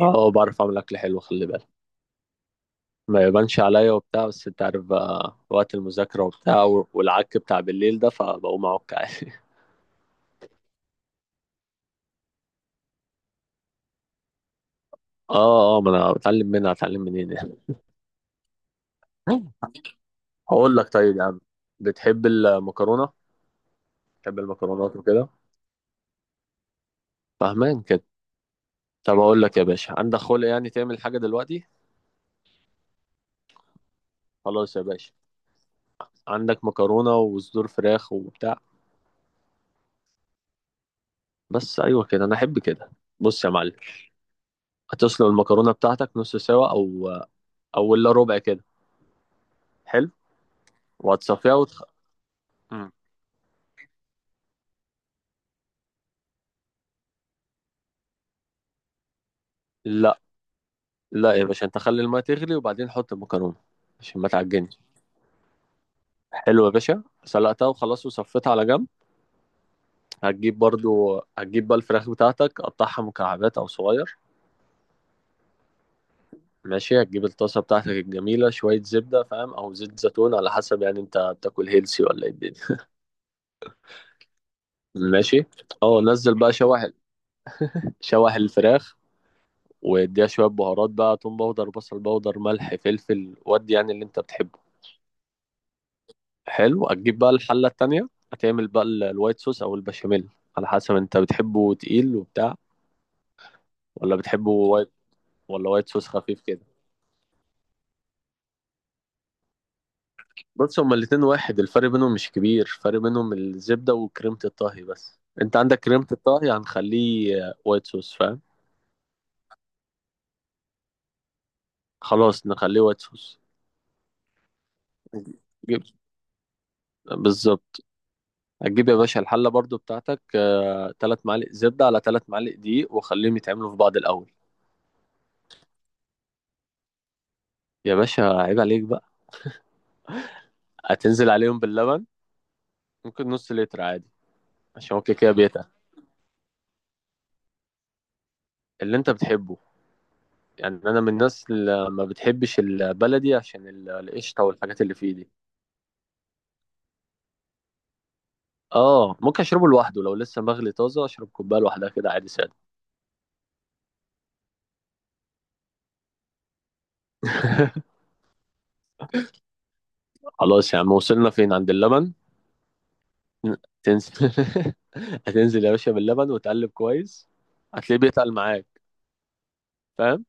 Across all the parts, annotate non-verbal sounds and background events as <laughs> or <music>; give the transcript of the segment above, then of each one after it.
اه آه، بعرف اعمل اكل حلو، خلي بالك. ما يبانش عليا وبتاع، بس انت عارف بقى وقت المذاكره وبتاع والعك بتاع بالليل ده، فبقوم اعك عادي. <laughs> اه، اه، ما انا بتعلم منها هتعلم منين يعني. <laughs> هقول لك طيب يا عم. بتحب المكرونه؟ بتحب المكرونات وكده؟ فاهمان كده. طب اقول لك يا باشا، عندك خلق يعني تعمل حاجه دلوقتي؟ خلاص يا باشا. عندك مكرونه وصدور فراخ وبتاع؟ بس ايوه كده، انا احب كده. بص يا معلم. هتسلق المكرونه بتاعتك نص سوا او الا ربع كده. حلو. وهتصفيها مم. لا، لا يا باشا، انت خلي الماء تغلي وبعدين حط المكرونه عشان ما تعجنش. حلو يا باشا، سلقتها وخلاص وصفيتها على جنب. هتجيب برضو، هتجيب بقى الفراخ بتاعتك، قطعها مكعبات او صغير. ماشي. هتجيب الطاسه بتاعتك الجميله، شويه زبده فاهم، او زيت زيتون، على حسب يعني انت بتاكل هيلسي ولا ايه الدنيا. <laughs> ماشي. اه، نزل بقى شوح، شوح الفراخ. واديها شويه بهارات بقى، توم باودر، بصل باودر، ملح، فلفل، ودي يعني اللي انت بتحبه. حلو، هتجيب بقى الحلة التانية، هتعمل بقى الوايت صوص أو البشاميل. على حسب أنت بتحبه تقيل وبتاع، ولا بتحبه وايت، ولا وايت صوص خفيف كده. بص، هما الاتنين واحد، الفرق بينهم مش كبير. الفرق بينهم الزبدة وكريمة الطهي، بس أنت عندك كريمة الطهي هنخليه وايت صوص فاهم. خلاص نخليه وايت صوص. جيب. بالظبط. هتجيب يا باشا الحلة برضو بتاعتك. تلات معالق زبدة على 3 معالق دقيق وخليهم يتعملوا في بعض الأول. يا باشا عيب عليك بقى. هتنزل عليهم باللبن. ممكن نص لتر عادي. عشان هو كده كده بيتقل. اللي انت بتحبه. يعني انا من الناس اللي ما بتحبش البلدي، عشان القشطه والحاجات اللي فيه دي. اه، ممكن اشربه لوحده، لو لسه مغلي طازه اشرب كوبايه لوحدها كده عادي ساده. <laughs> خلاص يا عم، وصلنا فين؟ عند اللبن. تنزل. <laughs> هتنزل يا باشا باللبن وتقلب كويس. هتلاقيه بيتقل معاك. فاهم.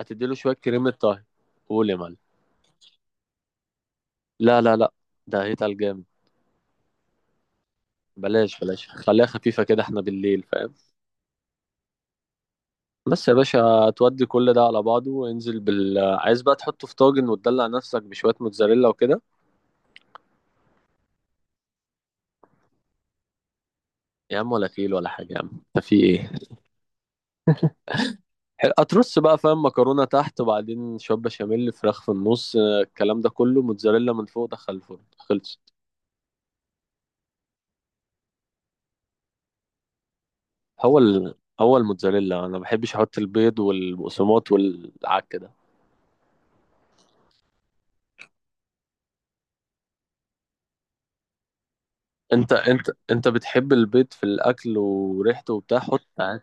هتديله شويه كريمه طهي. قول يا معلم. لا، لا، لا. ده هيتقل جامد. بلاش بلاش، خليها خفيفه كده، احنا بالليل فاهم. بس يا باشا تودي كل ده على بعضه وانزل بال، عايز بقى تحطه في طاجن وتدلع نفسك بشوية موتزاريلا وكده. يا عم ولا كيل ولا حاجة يا عم. انت في ايه؟ هترص بقى فاهم، مكرونة تحت وبعدين شوية بشاميل، فراخ في النص، الكلام ده كله، موتزاريلا من فوق، دخل الفرن خلصت. هو ال... هو الموتزاريلا انا ما بحبش احط البيض والبقسماط والعك ده. انت بتحب البيض في الاكل وريحته وبتاع، حط عادي.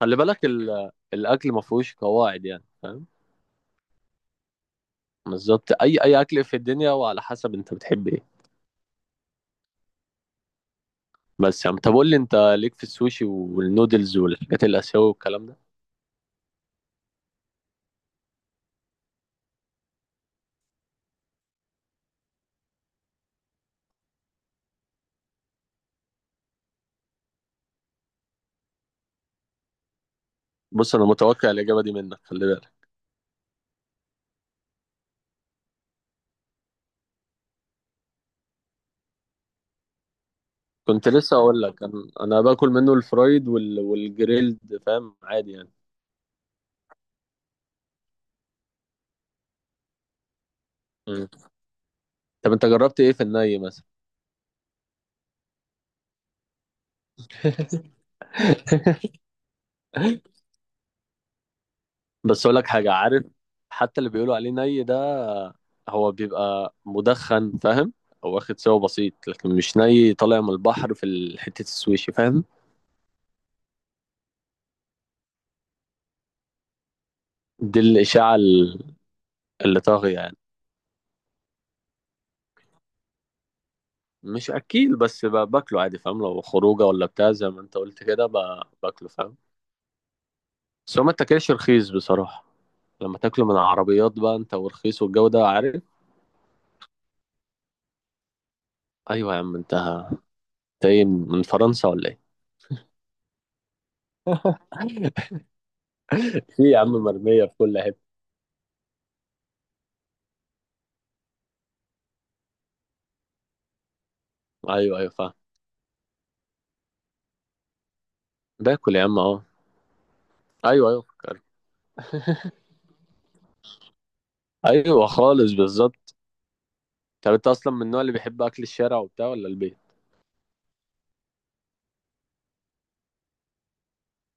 خلي بالك الاكل ما فيهوش قواعد يعني فاهم. بالظبط، اي اكل في الدنيا، وعلى حسب انت بتحب ايه. بس يا عم طب قول لي، انت ليك في السوشي والنودلز والحاجات الاسيويه والكلام ده؟ بص انا متوقع الاجابه دي منك، خلي بالك. كنت لسه اقول لك انا، أنا باكل منه الفرايد والجريلد فاهم، عادي يعني. مم. طب انت جربت ايه في الني مثلا؟ <laughs> بس اقول لك حاجه، عارف؟ حتى اللي بيقولوا عليه ني ده، هو بيبقى مدخن فاهم، او واخد سوا بسيط، لكن مش ني طالع من البحر في حته السويشي فاهم. دي الاشاعه اللي طاغي يعني. مش اكيل، بس باكله عادي فاهم، لو خروجه ولا بتاع زي ما انت قلت كده باكله فاهم. بس هو ما تاكلش رخيص بصراحه، لما تاكله من عربيات بقى انت، والرخيص والجو ده عارف. ايوه يا عم، انت. ايه، من فرنسا ولا ايه؟ <laughs> في يا عم، مرميه في كل حته. ايوه، ايوه، فاهم. باكل يا عم اه. ايوه، ايوه، فكرت. ايوه، خالص، بالظبط. طب انت اصلا من النوع اللي بيحب اكل الشارع وبتاع ولا البيت؟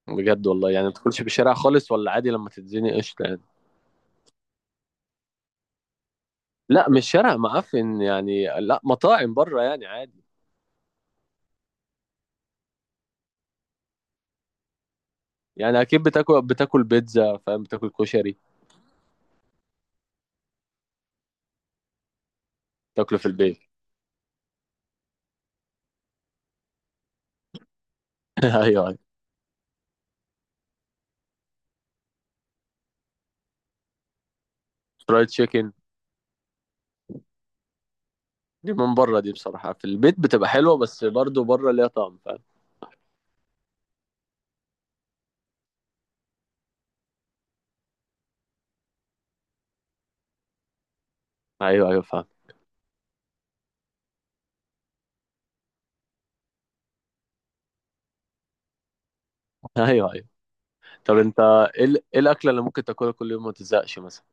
بجد والله؟ يعني ما تاكلش في الشارع خالص، ولا عادي لما تتزنق قشطه يعني؟ لا، مش شارع معفن يعني، لا مطاعم بره يعني عادي. يعني اكيد بتاكل بيتزا فاهم، بتاكل كشري. تاكله في البيت. <laughs> ايوه، ايوه. فرايد تشيكن. دي من بره، دي بصراحه في البيت بتبقى حلوه، بس برضه بره ليها طعم فاهم. ايوه، ايوه، فاهم. <laughs> ايوه، ايوه، طب انت ايه إيه الاكله اللي ممكن تاكلها كل يوم وما تزهقش مثلا؟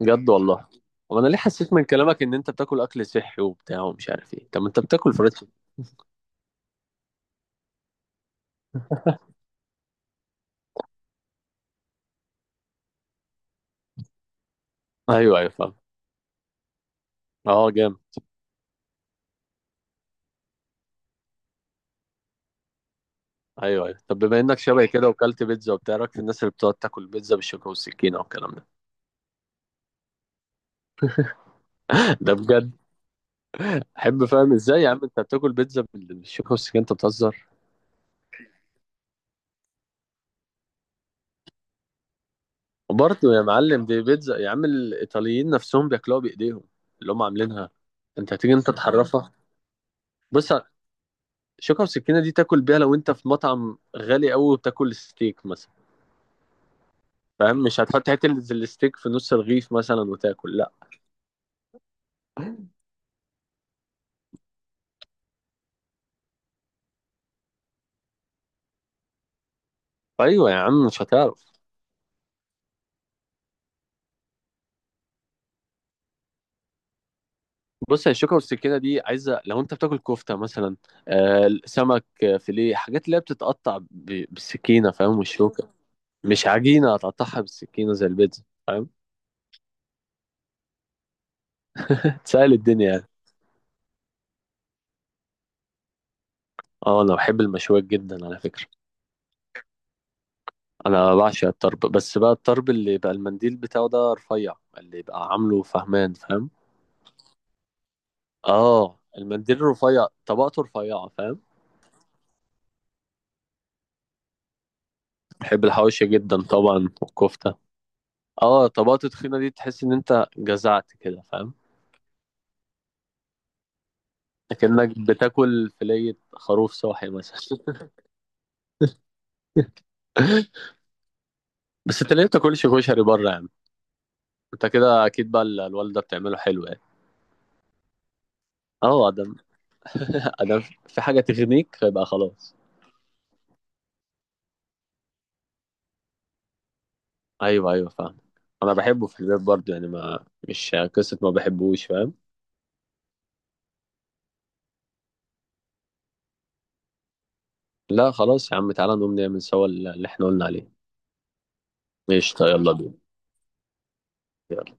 بجد والله؟ طب انا ليه حسيت من كلامك ان انت بتاكل اكل صحي وبتاع ومش عارف ايه؟ طب ما انت بتاكل فرايد تشيكن. ايوه، ايوه، فاهم. اه جامد. ايوه، ايوه، طب بما انك شبه كده وكلت بيتزا وبتاع، رأيك في الناس اللي بتقعد تاكل بيتزا بالشوكه والسكينه والكلام ده؟ ده بجد؟ احب فاهم ازاي يا عم انت بتاكل بيتزا بالشوكه والسكينه، انت بتهزر؟ وبرضه يا معلم دي بيتزا يا عم، الايطاليين نفسهم بياكلوها بايديهم، اللي هم عاملينها. انت هتيجي انت تحرفها؟ بص. الشوكه والسكينه دي تاكل بيها لو انت في مطعم غالي قوي وبتاكل ستيك مثلا. فاهم مش هتحط حته الستيك في نص الرغيف مثلا وتاكل، لا. ايوه يا عم مش هتعرف. بص، هي الشوكة والسكينة دي عايزة لو انت بتاكل كفتة مثلا، سمك، فيليه، حاجات اللي هي بتتقطع بالسكينة فاهم والشوكة. مش عجينة هتقطعها بالسكينة زي البيتزا فاهم. <laughs> تسهل الدنيا يعني. اه، انا بحب المشويات جدا على فكرة. انا بعشق الطرب، بس بقى الطرب اللي يبقى المنديل بتاعه ده رفيع، اللي يبقى عامله فهمان فاهم. اه، المنديل الرفيع طبقته رفيعة فاهم. بحب الحواوشي جدا طبعا، والكفتة. اه، طبقته تخينة دي تحس ان انت جزعت كده فاهم. اكنك بتاكل فلية خروف صاحي مثلا. <laughs> بس انت ليه بتاكلش كشري بره يا عم؟ انت كده اكيد بقى الوالدة بتعمله حلو يعني. اه، ادم. <laughs> ادم. في حاجة تغنيك فيبقى خلاص. ايوه، ايوه، فاهم. انا بحبه في البيت برضه يعني، ما مش قصة ما بحبوش فاهم. لا خلاص يا عم، تعالى نقوم نعمل سوا اللي احنا قلنا عليه. قشطة، يلا بينا. يلا.